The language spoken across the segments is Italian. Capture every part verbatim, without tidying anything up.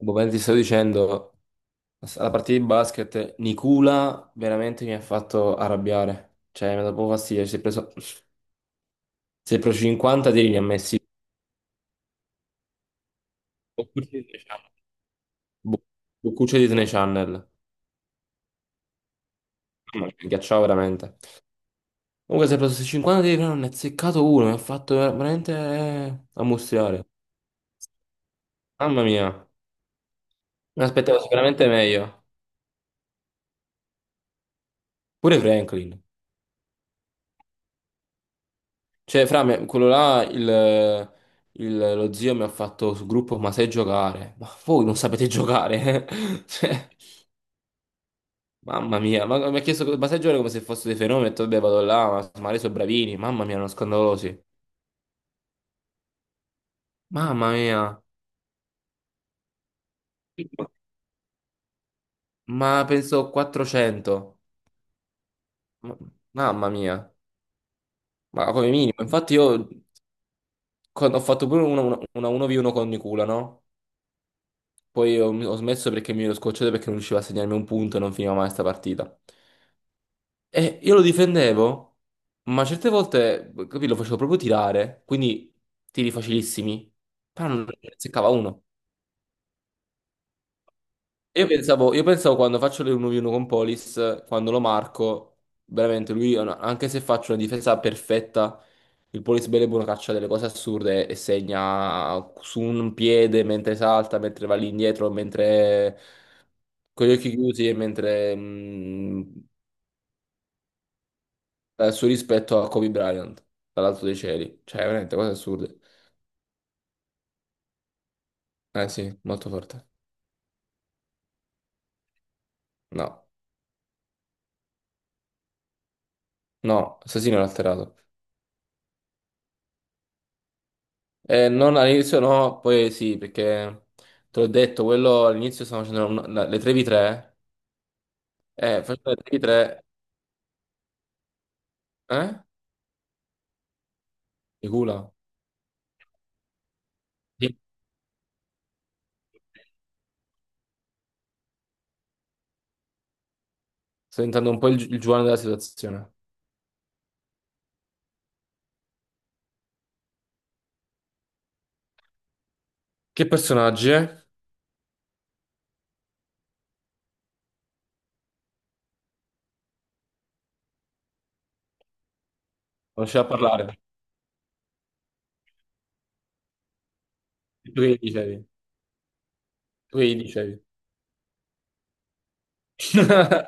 Boh, mentre ti stavo dicendo, alla partita di basket, Nicula veramente mi ha fatto arrabbiare. Cioè, mi ha dato proprio fastidio. Si è preso, si è preso cinquanta tiri, ne ha messi boccucci di Disney Channel. Bo- Boccucci di Disney Channel. Mamma mia, mi ghiacciava veramente. Comunque si è preso questi cinquanta tiri, però non ne ha seccato uno, mi ha fatto ver- veramente eh, ammustriare. Mamma mia, mi aspettavo sicuramente meglio. Pure Franklin. Cioè, fra me, quello là, il, il- lo zio mi ha fatto sul gruppo, ma sai giocare? Ma voi non sapete giocare? eh? Cioè, mamma mia, ma, mi ha chiesto, ma sai giocare come se fosse dei fenomeni? Ho detto, vabbè, vado là, ma, ma lei sono bravini, mamma mia, erano scandalosi. Mamma mia, ma penso quattrocento. Ma- mamma mia, ma come minimo. Infatti io quando ho fatto pure una, una, una uno contro uno con Nicula, no? Poi ho, ho smesso perché mi ero scocciato perché non riusciva a segnarmi un punto e non finiva mai sta partita. E io lo difendevo, ma certe volte, capì, lo facevo proprio tirare, quindi tiri facilissimi, però non ne seccava uno. Io pensavo, io pensavo quando faccio le uno contro uno con Polis, quando lo marco, veramente lui, è una- anche se faccio una difesa perfetta, il Polis bene e buono caccia delle cose assurde e segna su un piede mentre salta, mentre va lì indietro, mentre con gli occhi chiusi e mentre mm, dal suo rispetto a Kobe Bryant, dall'alto dei cieli. Cioè, veramente cose assurde. Eh sì, molto forte. No, no, assassino l'ha alterato. Eh, non all'inizio no, poi sì, perché te l'ho detto, quello all'inizio stavo facendo un- la- le tre contro tre, eh, facendo le tre contro tre, eh? Di culo. Sì. Sto diventando un po' il, gi- il Giovanni della situazione. Che personaggi, eh? Non c'è da parlare. Tu che gli dicevi? Tu che gli dicevi?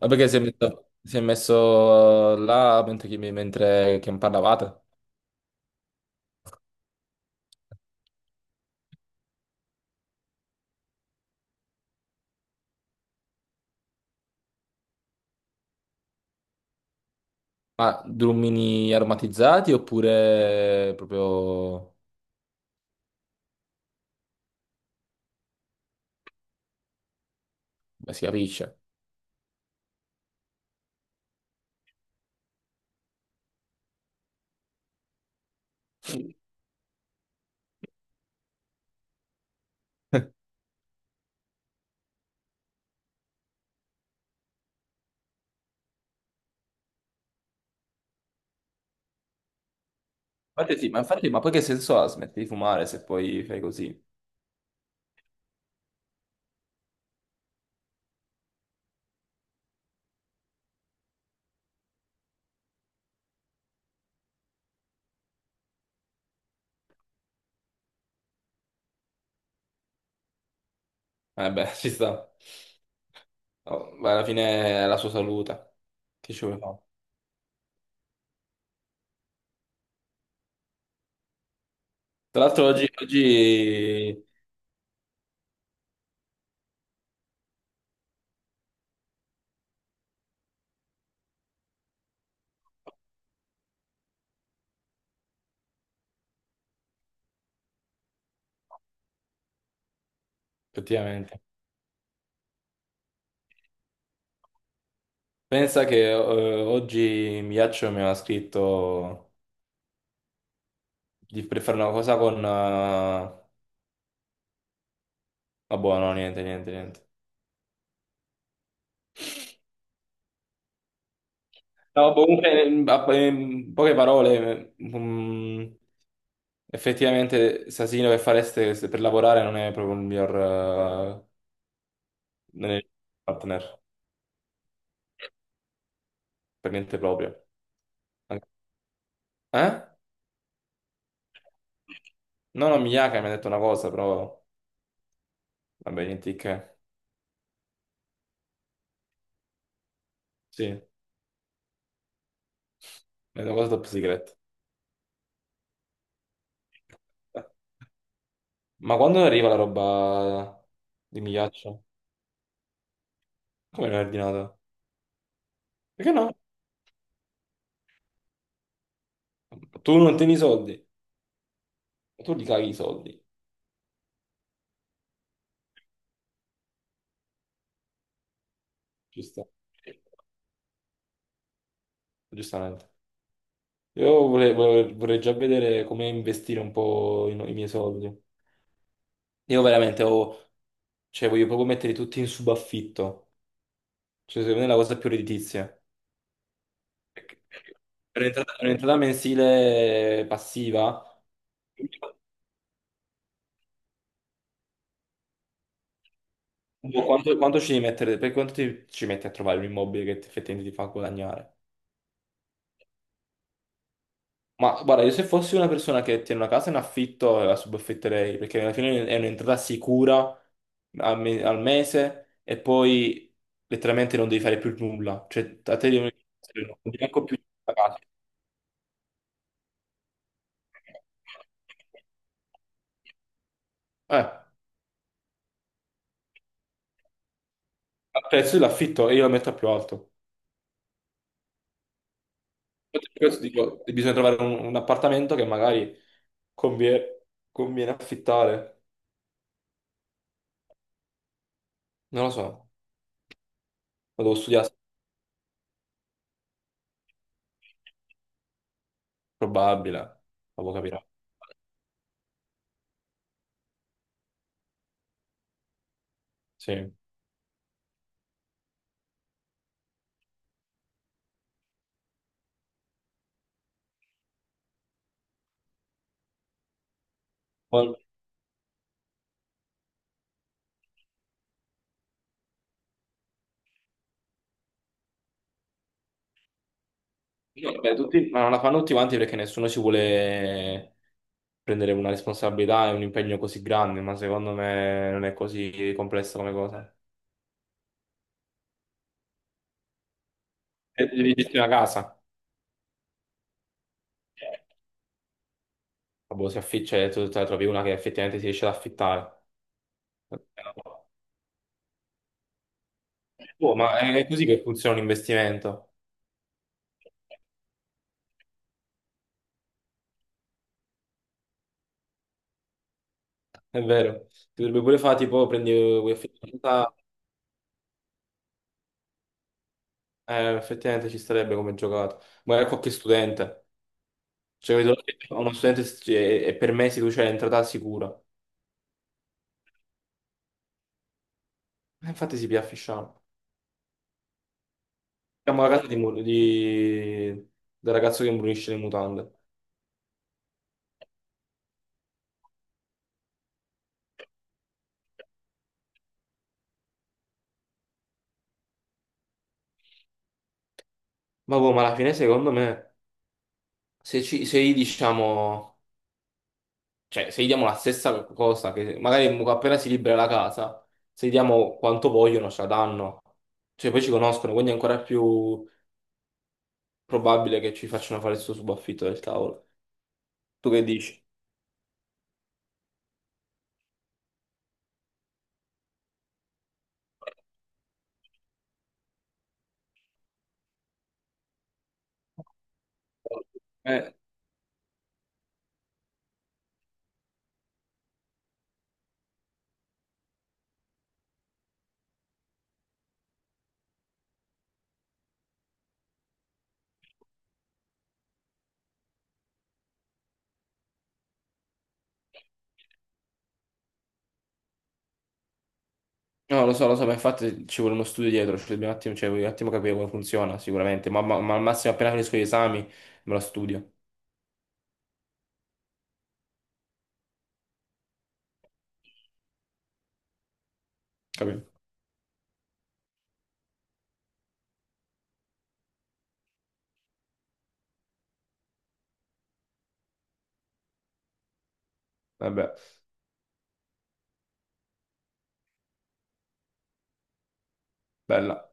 Ma perché si è messo, si è messo là mentre, che- mentre che parlavate? Ma drummini aromatizzati oppure proprio... Beh, si capisce. Infatti sì, ma infatti, ma poi che senso ha? Smetti di fumare se poi fai così? Eh beh, ci sta. Oh, ma alla fine è la sua salute. Che ci vuole fare? Tra l'altro oggi, oggi... Effettivamente. Pensa che eh, oggi Miaccio mi aveva scritto... Di per fare una cosa con... eh, vabbè, no, niente, niente, niente. No, comunque, in, a- in poche parole, ehm, mm, effettivamente Sasino che fareste se- per lavorare non è proprio il miglior eh, non è il partner, per niente proprio. Eh? No, no, Miyake mi ha detto una cosa, però... Vabbè, niente di che. Sì, è una cosa top secret. Ma quando arriva la roba di Migliaccio? Come l'hai ordinato? Perché no? Tu non tieni i soldi? E tu li cavi i soldi, giusto? Giustamente. Io vorrei, vorrei- vorrei già vedere come investire un po' i, no-, i miei soldi. Io veramente ho, cioè, voglio proprio metterli tutti in subaffitto. Cioè, secondo me è la cosa più redditizia. Perché un'entrata un'entrata mensile passiva. Boh, Quanto, quanto ci devi mettere? Per quanto ti- ci metti a trovare un immobile che effettivamente ti fa guadagnare? Ma guarda, io se fossi una persona che tiene una casa in affitto, la subaffitterei, perché alla fine è un'entrata sicura al, me- al mese e poi letteralmente non devi fare più nulla. Cioè, a te devono- non ti manco più la casa. Eh, al prezzo dell'affitto e io la metto a più alto. Infatti per questo dico, bisogna trovare un, un appartamento che magari convie- conviene, affittare. Non lo so, lo devo studiare, probabile, lo capirà. Sì. Beh, tutti- ma non la fanno tutti quanti perché nessuno ci vuole prendere una responsabilità e un impegno così grande, ma secondo me non è così complessa come cosa. E devi gestire una casa. Boh, si afficcia e tu te ne trovi una che effettivamente si riesce ad affittare. Boh, ma è così che funziona un investimento, è vero. Ti dovrebbe pure fare tipo prendi vuoi affittare una casa, eh, effettivamente ci starebbe come giocato. Magari qualche studente. Cioè, vedo uno studente st- e e per me si tu c'è l'entrata sicura. E infatti si piaffisciamo. Siamo la casa di, Mu- di- del ragazzo che imbrunisce le mutande. Ma boh, ma alla fine secondo me, se, ci, se gli diciamo, cioè se gli diamo la stessa cosa, che magari mu- appena si libera la casa, se gli diamo quanto vogliono, ce la danno. Cioè poi ci conoscono, quindi è ancora più probabile che ci facciano fare il suo subaffitto del cavolo. Tu che dici? Eh, No, lo so, lo so, ma infatti ci vuole uno studio dietro, ci dobbiamo un attimo, cioè, voglio un attimo capire come funziona, sicuramente, ma, ma- ma al massimo appena finisco gli esami me lo studio, capito? Vabbè, bella.